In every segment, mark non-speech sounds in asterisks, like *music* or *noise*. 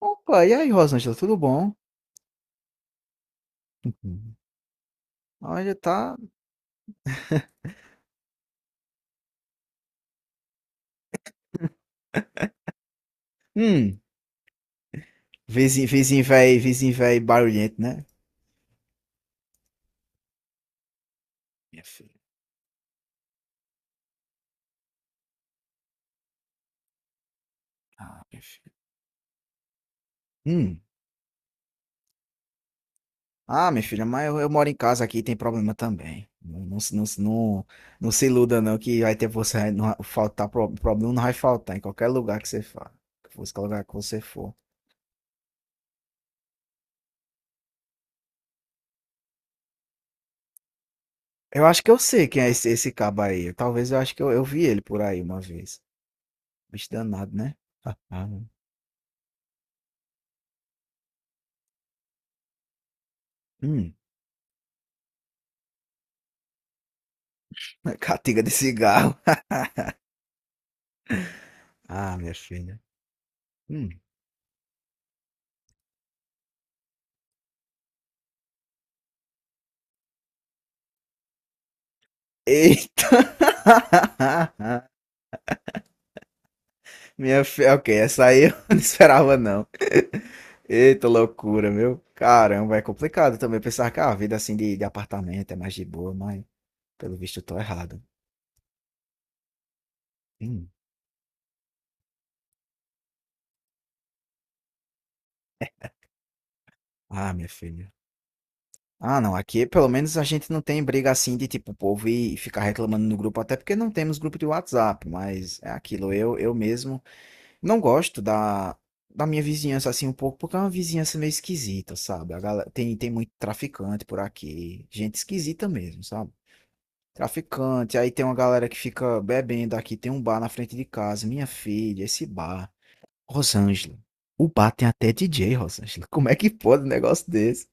Opa, e aí, Rosângela, tudo bom? Uhum. Olha, tá. Hum, vizinho, vizinho velho barulhento, né? Minha filha. Ah, minha filha. Hum. Ah, minha filha, mas eu moro em casa aqui, tem problema também. Não, não, não, não, não se iluda, não, que vai ter você. Não, vai faltar, problema não vai faltar em qualquer lugar que você for. Que fosse qualquer lugar que você for. Eu acho que eu sei quem é esse cabo aí. Talvez eu acho que eu vi ele por aí uma vez. Bicho danado, né? Ah, ah. Hum, *laughs* catiga de cigarro. Ah, minha filha. Hum. Eita! *laughs* Minha filha, ok, essa aí eu *laughs* não esperava não. Eita loucura, meu. Caramba, é complicado também pensar que ah, a vida assim de apartamento é mais de boa, mas pelo visto eu tô errado. Hum. Ah, minha filha. Ah, não, aqui pelo menos a gente não tem briga assim de tipo o povo e ficar reclamando no grupo, até porque não temos grupo de WhatsApp, mas é aquilo, eu mesmo não gosto da minha vizinhança assim um pouco, porque é uma vizinhança meio esquisita, sabe? A galera, tem muito traficante por aqui, gente esquisita mesmo, sabe? Traficante, aí tem uma galera que fica bebendo aqui, tem um bar na frente de casa, minha filha, esse bar, Rosângela. O bar tem até DJ, Rosângela. Como é que pode um negócio desse?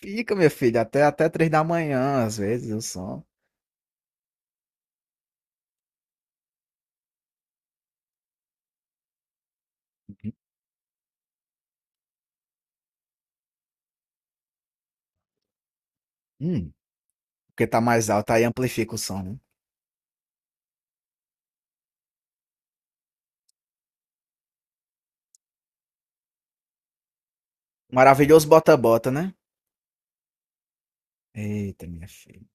Fica, minha filha, até três da manhã, às vezes, o som. Uhum. Hum, porque tá mais alto, aí amplifica o som, né? Maravilhoso bota-bota, né? Eita, minha filha.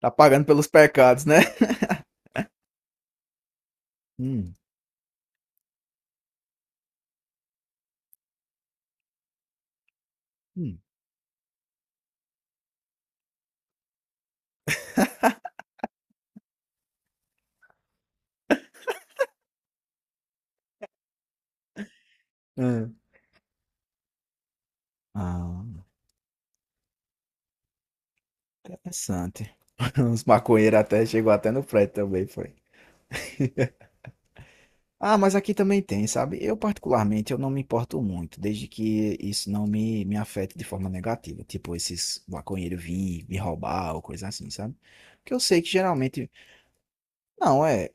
Tá pagando pelos pecados, né? Hum, hum. Hum. Ah, interessante. *laughs* Os maconheiros até chegou até no prédio também, foi. *laughs* Ah, mas aqui também tem, sabe? Eu particularmente eu não me importo muito, desde que isso não me afete de forma negativa, tipo esses maconheiros vir me roubar ou coisa assim, sabe? Porque eu sei que geralmente, não é,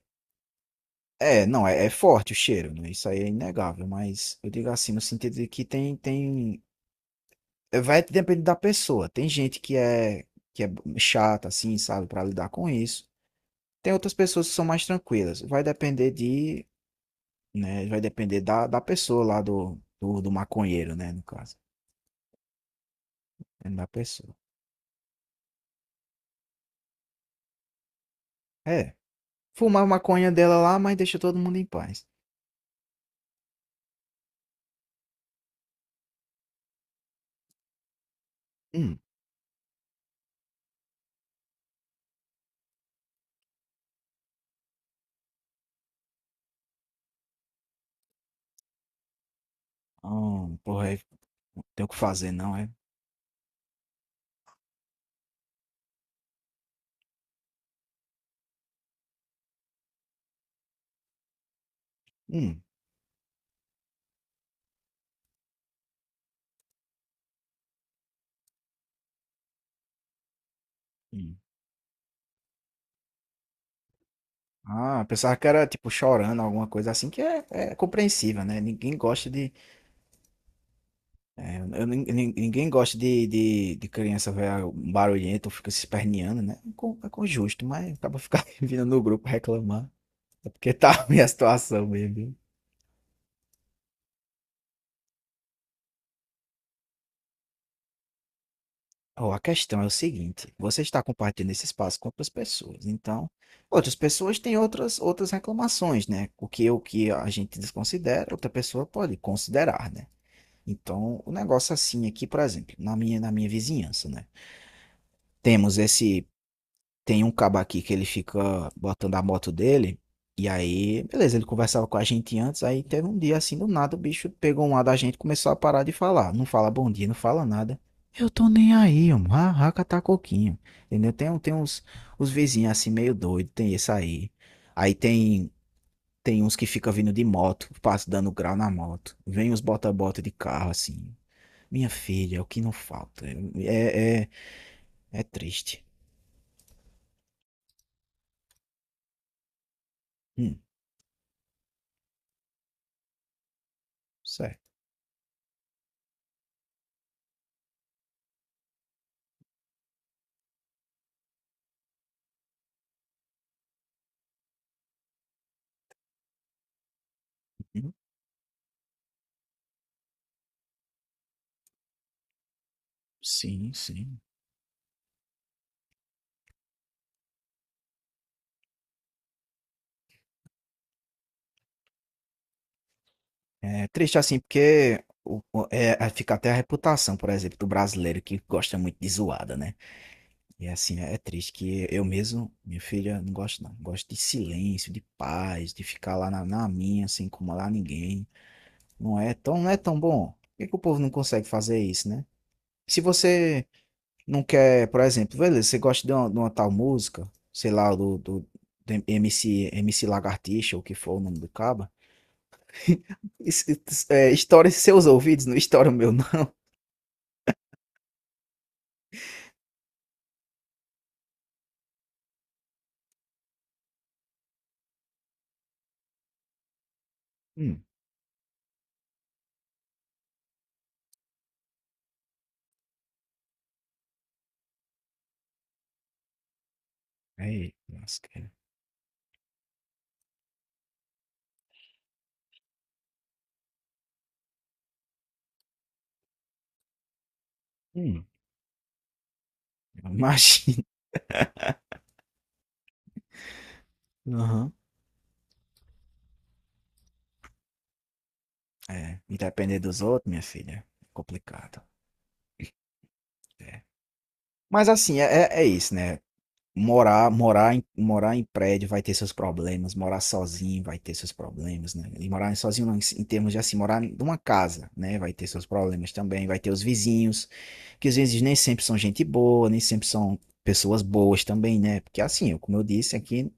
é, não é, é forte o cheiro, né? Isso aí é inegável, mas eu digo assim no sentido de que tem vai depender da pessoa. Tem gente que é chata, assim, sabe, para lidar com isso. Tem outras pessoas que são mais tranquilas. Vai depender de, né? Vai depender da pessoa lá do maconheiro, né? No caso, é da pessoa. É, fumar a maconha dela lá, mas deixa todo mundo em paz. Hum, porra, não tem o que fazer, não é? Hum, hum. Ah, pensava que era tipo chorando, alguma coisa assim, é compreensível, né? Ninguém gosta de é, eu ninguém gosta de criança ver barulhento, fica se esperneando, né? É com justo, mas acaba ficar *laughs* vindo no grupo reclamar. É porque tá *laughs* ruim a situação mesmo, viu? Ó, a questão é o seguinte: você está compartilhando esse espaço com outras pessoas, então outras pessoas têm outras reclamações, né? O que a gente desconsidera, outra pessoa pode considerar, né? Então, o negócio assim aqui, por exemplo, na minha vizinhança, né? Temos esse tem um cabo aqui que ele fica botando a moto dele. E aí, beleza, ele conversava com a gente antes. Aí teve um dia assim, do nada, o bicho pegou um lado da gente e começou a parar de falar. Não fala bom dia, não fala nada. Eu tô nem aí, mano. Raca tá coquinho. Entendeu? Tem uns, uns vizinhos assim, meio doido. Tem esse aí. Aí tem, tem uns que fica vindo de moto, passa dando grau na moto. Vem os bota-bota de carro assim. Minha filha, é o que não falta. É, é, é triste. Hum, certo. Sim, sim. É triste assim, porque é- fica até a reputação, por exemplo, do brasileiro que gosta muito de zoada, né? E assim, é triste que eu mesmo, minha filha, não gosto não. Gosto de silêncio, de paz, de ficar lá na minha, sem incomodar ninguém. Não é tão, não é tão bom. Por que que o povo não consegue fazer isso, né? Se você não quer, por exemplo, beleza, você gosta de de uma tal música, sei lá, do MC, MC Lagartixa, ou o que for o nome do cabo. *laughs* Isso- É, estoure seus ouvidos, não estoura o meu, não. Hum, aí, lasqueira. Hum, *laughs* realmente, imagina. Aham. É, e depender dos outros, minha filha, é complicado. Mas assim, é isso, né? Morar em prédio vai ter seus problemas, morar sozinho vai ter seus problemas, né? E morar sozinho não, em termos de assim, morar em uma casa, né? Vai ter seus problemas também, vai ter os vizinhos, que às vezes nem sempre são gente boa, nem sempre são pessoas boas também, né? Porque assim, como eu disse aqui,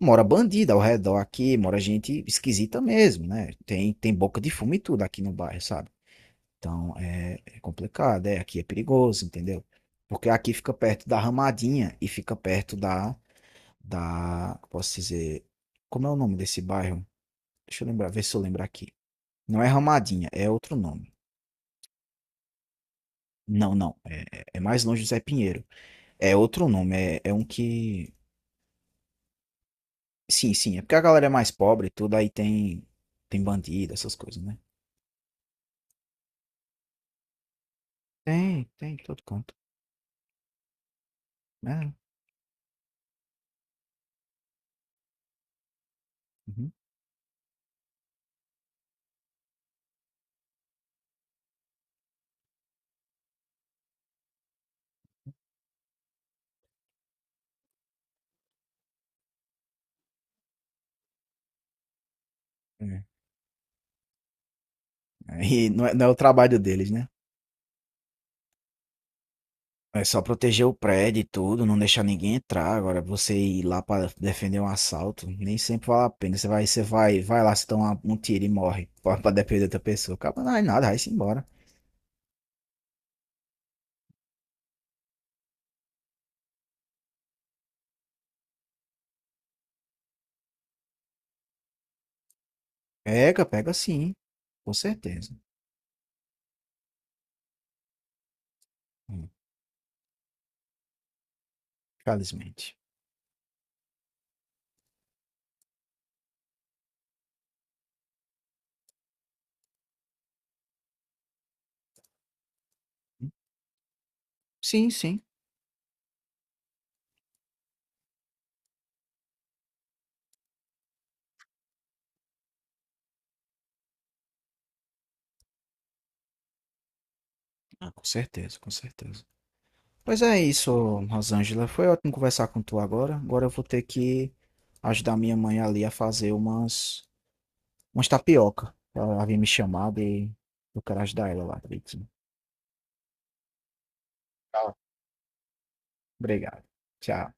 mora bandida ao redor aqui, mora gente esquisita mesmo, né? Tem boca de fumo e tudo aqui no bairro, sabe? Então é complicado, é, aqui é perigoso, entendeu? Porque aqui fica perto da Ramadinha e fica perto da, da, posso dizer, como é o nome desse bairro? Deixa eu lembrar, ver se eu lembro aqui. Não é Ramadinha, é outro nome. Não, não, é mais longe do Zé Pinheiro. É outro nome, é, é um que... Sim, sim, é porque a galera é mais pobre e tudo, aí tem, tem bandido, essas coisas, né? Tem, tem, todo canto. É, uhum. É, aí não é o trabalho deles, né? É só proteger o prédio e tudo, não deixar ninguém entrar. Agora, você ir lá para defender um assalto, nem sempre vale a pena. Você vai, vai lá, se toma um tiro e morre *laughs* para defender outra pessoa. Acaba não é nada, vai-se embora. Pega, pega sim, com certeza. Hum, Infelizmente. Sim, sim. Ah, com certeza, com certeza. Pois é isso, Rosângela. Foi ótimo conversar com tu agora. Agora eu vou ter que ajudar minha mãe ali a fazer umas, umas tapioca. Ela havia me chamado e eu quero ajudar ela lá direitinho. Tá. Obrigado. Tchau.